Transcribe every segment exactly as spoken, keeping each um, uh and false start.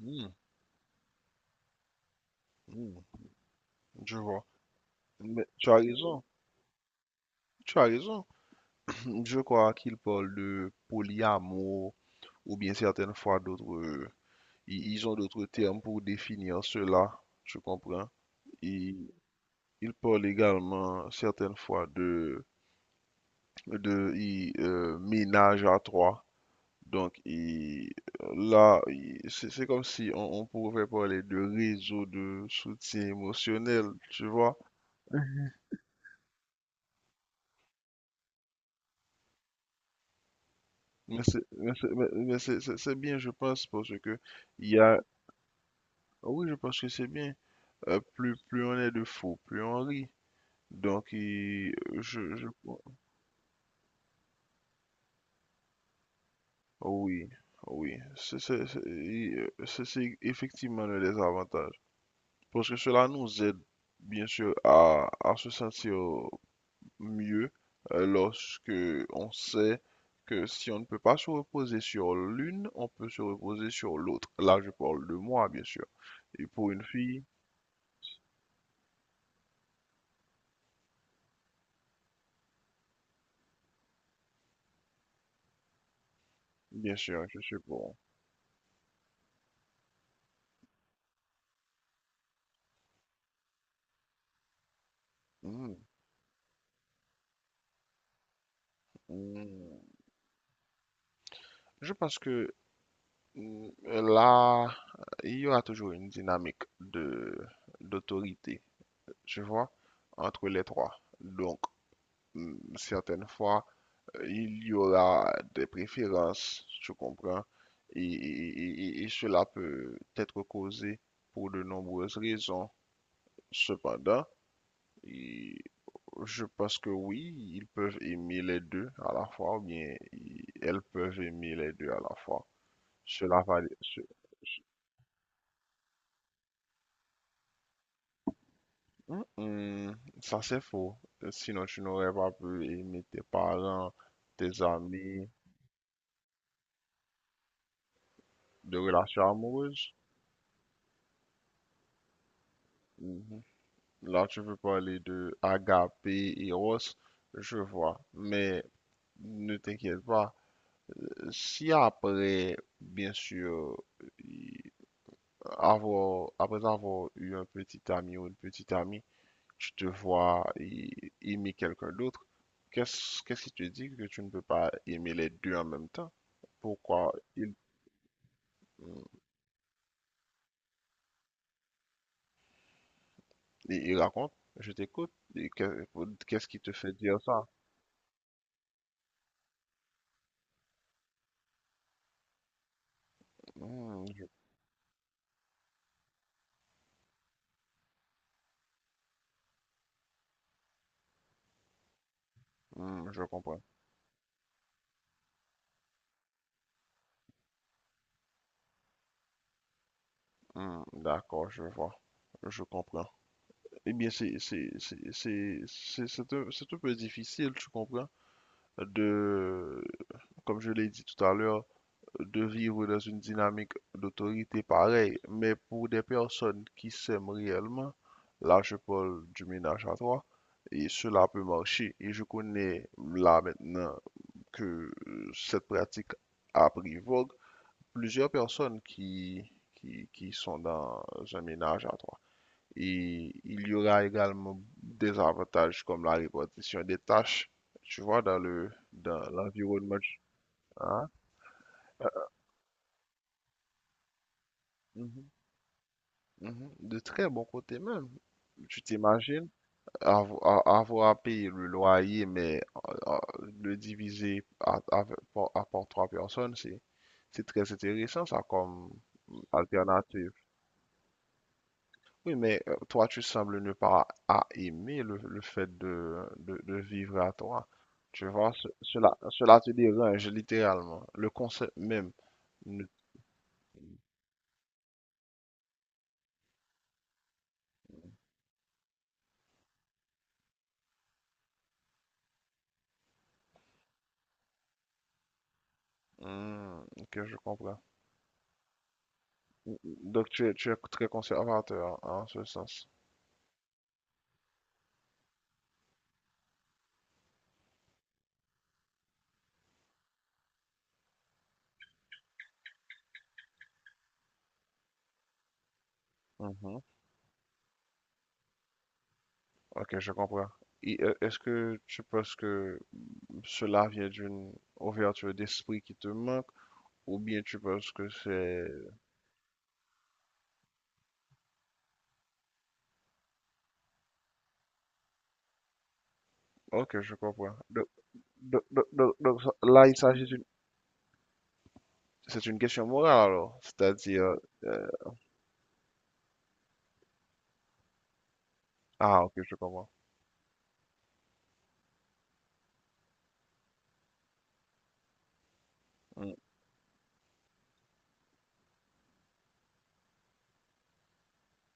Hmm, hmm, je vois. Mais tu as raison, tu as raison. Je crois qu'ils parlent de polyamour ou bien certaines fois d'autres. Ils ils ont d'autres termes pour définir cela, je comprends. Et ils parlent également certaines fois de, de ils, euh, ménage à trois. Donc ils- là, ils- c'est c'est comme si on, on pouvait parler de réseau de soutien émotionnel, tu vois. Mais c'est mais c'est- mais- mais c'est- c'est- c'est bien, je pense, parce que il y a, ah oui, je pense que c'est bien. Euh, plus, plus on est de fous, plus on rit. Donc, il- je, je, ah oui, ah oui, c'est c'est- c'est- il- euh, c'est- c'est effectivement le désavantage. Parce que cela nous aide, bien sûr, à, à se sentir mieux euh, lorsque on sait que si on ne peut pas se reposer sur l'une, on peut se reposer sur l'autre. Là, je parle de moi, bien sûr. Et pour une fille, bien sûr, je sais pas. Hmm, hmm. Je pense que hmm, là, il y aura toujours une dynamique de d'autorité, tu vois, entre les trois. Donc, hmm, certaines fois, il y aura des préférences, tu comprends, et, et- et- et cela peut être causé pour de nombreuses raisons. Cependant, il- je pense que oui, ils peuvent aimer les deux à la fois, ou bien ils- elles peuvent aimer les deux à la fois. Cela va... ce- Hum, hum, ça c'est faux. Sinon, tu n'aurais pas pu aimer tes parents, tes amis, de relations amoureuses. Mhm. Là, tu veux parler de Agapé et Eros, je vois. Mais ne t'inquiète pas. Si après, bien sûr, y- avoir, après avoir eu un petit ami ou une petite amie, tu te vois y- aimer quelqu'un d'autre, qu'est-ce, qu'est-ce qui te dit que tu ne peux pas aimer les deux en même temps? Pourquoi il, il- il raconte, je t'écoute, et que- qu'est-ce qui te fait dire ça? Hmm, je hmm, je comprends. Hmm, d'accord, je vois, je comprends. Eh bien, c'est c'est c'est c'est c'est c'est un, c'est un peu difficile, tu comprends, de, comme je l'ai dit tout à l'heure, de vivre dans une dynamique d'autorité pareille. Mais pour des personnes qui s'aiment réellement, là, je parle du ménage à trois, et cela peut marcher. Et je connais là maintenant que euh, cette pratique a pris vogue. Plusieurs personnes qui qui qui sont dans un ménage à trois. Et il y aura également des avantages comme la répartition des tâches, tu vois, dans le, dans l'environnement. Hein? Mhm, mhm. De très bon côté même. Tu t'imagines avo- a- avoir à payer le loyer, mais euh, euh, le diviser à, à- par, à- par trois personnes, c'est, c'est très intéressant ça comme alternative. Oui, mais euh, toi, tu sembles ne pas à aimer le, le fait de, de, de vivre à toi. Tu vois, ce- cela, cela te dérange littéralement. Le concept même. ne- Hmm, ok, je comprends. Donc, tu es, tu es très conservateur hein, en ce sens. Mhm. Ok, je comprends. Et, euh, est-ce que tu penses que cela vient d'une ouverture d'esprit qui te manque, ou bien tu penses que c'est... Ok, je comprends. Donc, donc- donc- donc- donc, ça- là, il s'agit d'une c'est une question morale, alors. C'est-à-dire... euh, ah, ok, je comprends. Hmm,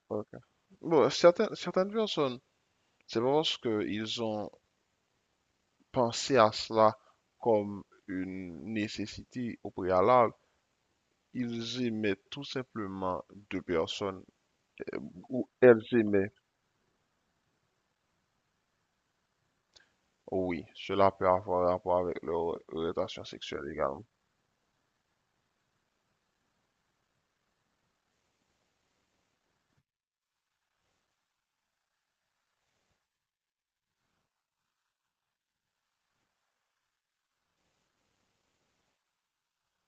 ok. Bon, certaines, certaines personnes, c'est pas parce qu'ils ont pensé à cela comme une nécessité au préalable, ils aimaient tout simplement deux personnes, ou elles aimaient, oui, cela peut avoir rapport avec leur orientation sexuelle également.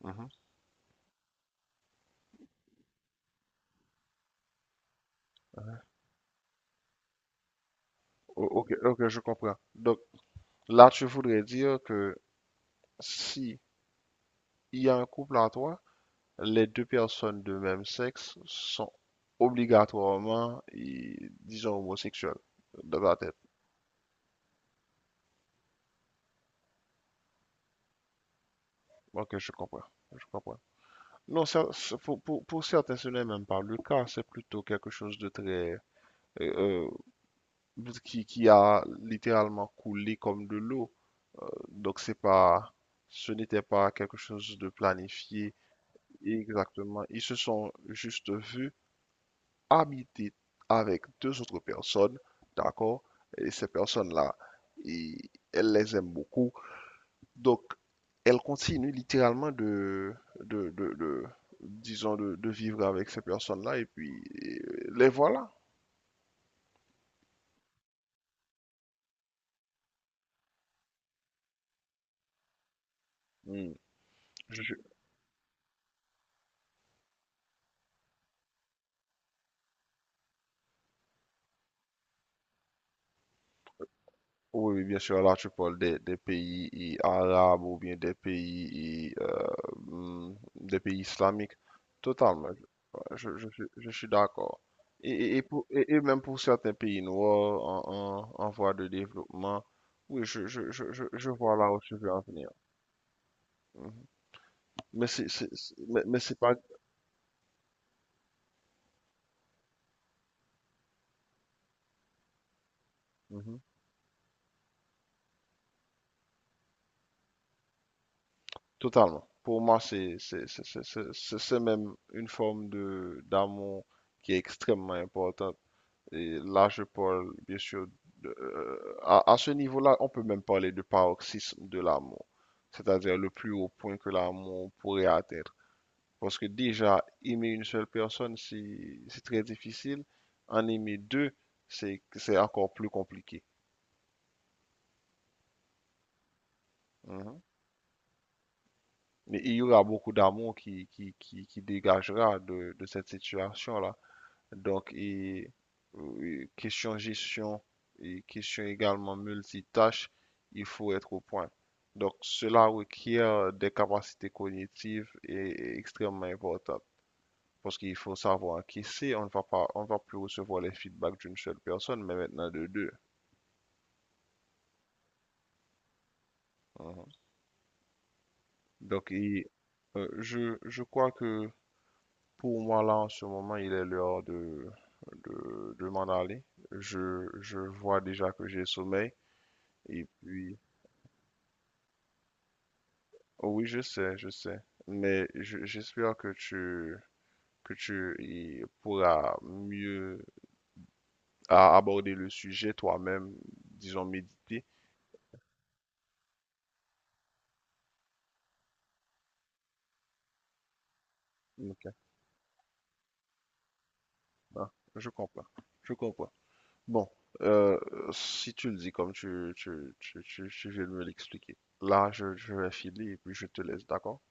Mhm. O- Ok, ok, je comprends. Donc, là, tu voudrais dire que si il y a un couple à toi, les deux personnes de même sexe sont obligatoirement, i- disons, homosexuelles, dans ma tête. Ok, je comprends. Je comprends. Non, ça- ça- pour, pour, pour certains, ce n'est même pas le cas. C'est plutôt quelque chose de très... euh, euh, qui, qui a littéralement coulé comme de l'eau. Euh, donc, c'est pas... Ce n'était pas quelque chose de planifié exactement. Ils se sont juste vus habiter avec deux autres personnes, d'accord? Et ces personnes-là, et elle les aime beaucoup. Donc, elle continue littéralement de, de, de- de- disons, de, de vivre avec ces personnes-là, et puis euh, les voilà. Hmm. Je- oui, oui, bien sûr, là, tu parles des, des pays et arabes ou bien des pays, et, euh, hmm, des pays islamiques. Totalement. Je, je suis je suis d'accord. Et, et- et pour, et, et même pour certains pays noirs en, en, en voie de développement, oui, je, je, je, je, je vois là où tu veux en venir. Mhm. Mais c'est c'est- c'est- mais, mais c'est pas... Mhm. Totalement. Pour moi, c'est c'est- c'est- c'est- c'est- c'est- c'est même une forme de d'amour qui est extrêmement importante. Et là, je parle, bien sûr, de- euh, à, à ce niveau-là, on peut même parler de paroxysme de l'amour, c'est-à-dire le plus haut point que l'amour pourrait atteindre. Parce que déjà, aimer une seule personne, c'est c'est très difficile. En aimer deux, c'est c'est encore plus compliqué. Mhm. Mais il y aura beaucoup d'amour qui, qui, qui, qui dégagera de, de cette situation-là. Donc, et, euh, et question gestion et question également multitâche, il faut être au point. Donc, cela requiert euh, des capacités cognitives et, et extrêmement importantes. Parce qu'il faut savoir encaisser, on ne va pas, on va plus recevoir les feedbacks d'une seule personne, mais maintenant de deux. Mhm. Donc, et, euh, je, je crois que pour moi, là, en ce moment, il est l'heure de, de, de m'en aller. Je, je vois déjà que j'ai sommeil. Et puis, oh oui, je sais, je sais. Mais je- j'espère que tu, que tu y pourras mieux a- aborder le sujet toi-même, disons méditer. Ok. Ah, je comprends, je comprends. Bon, euh, si tu le dis comme tu, tu, tu, tu, tu viens de me l'expliquer, là, je, je vais filer et puis je te laisse, d'accord?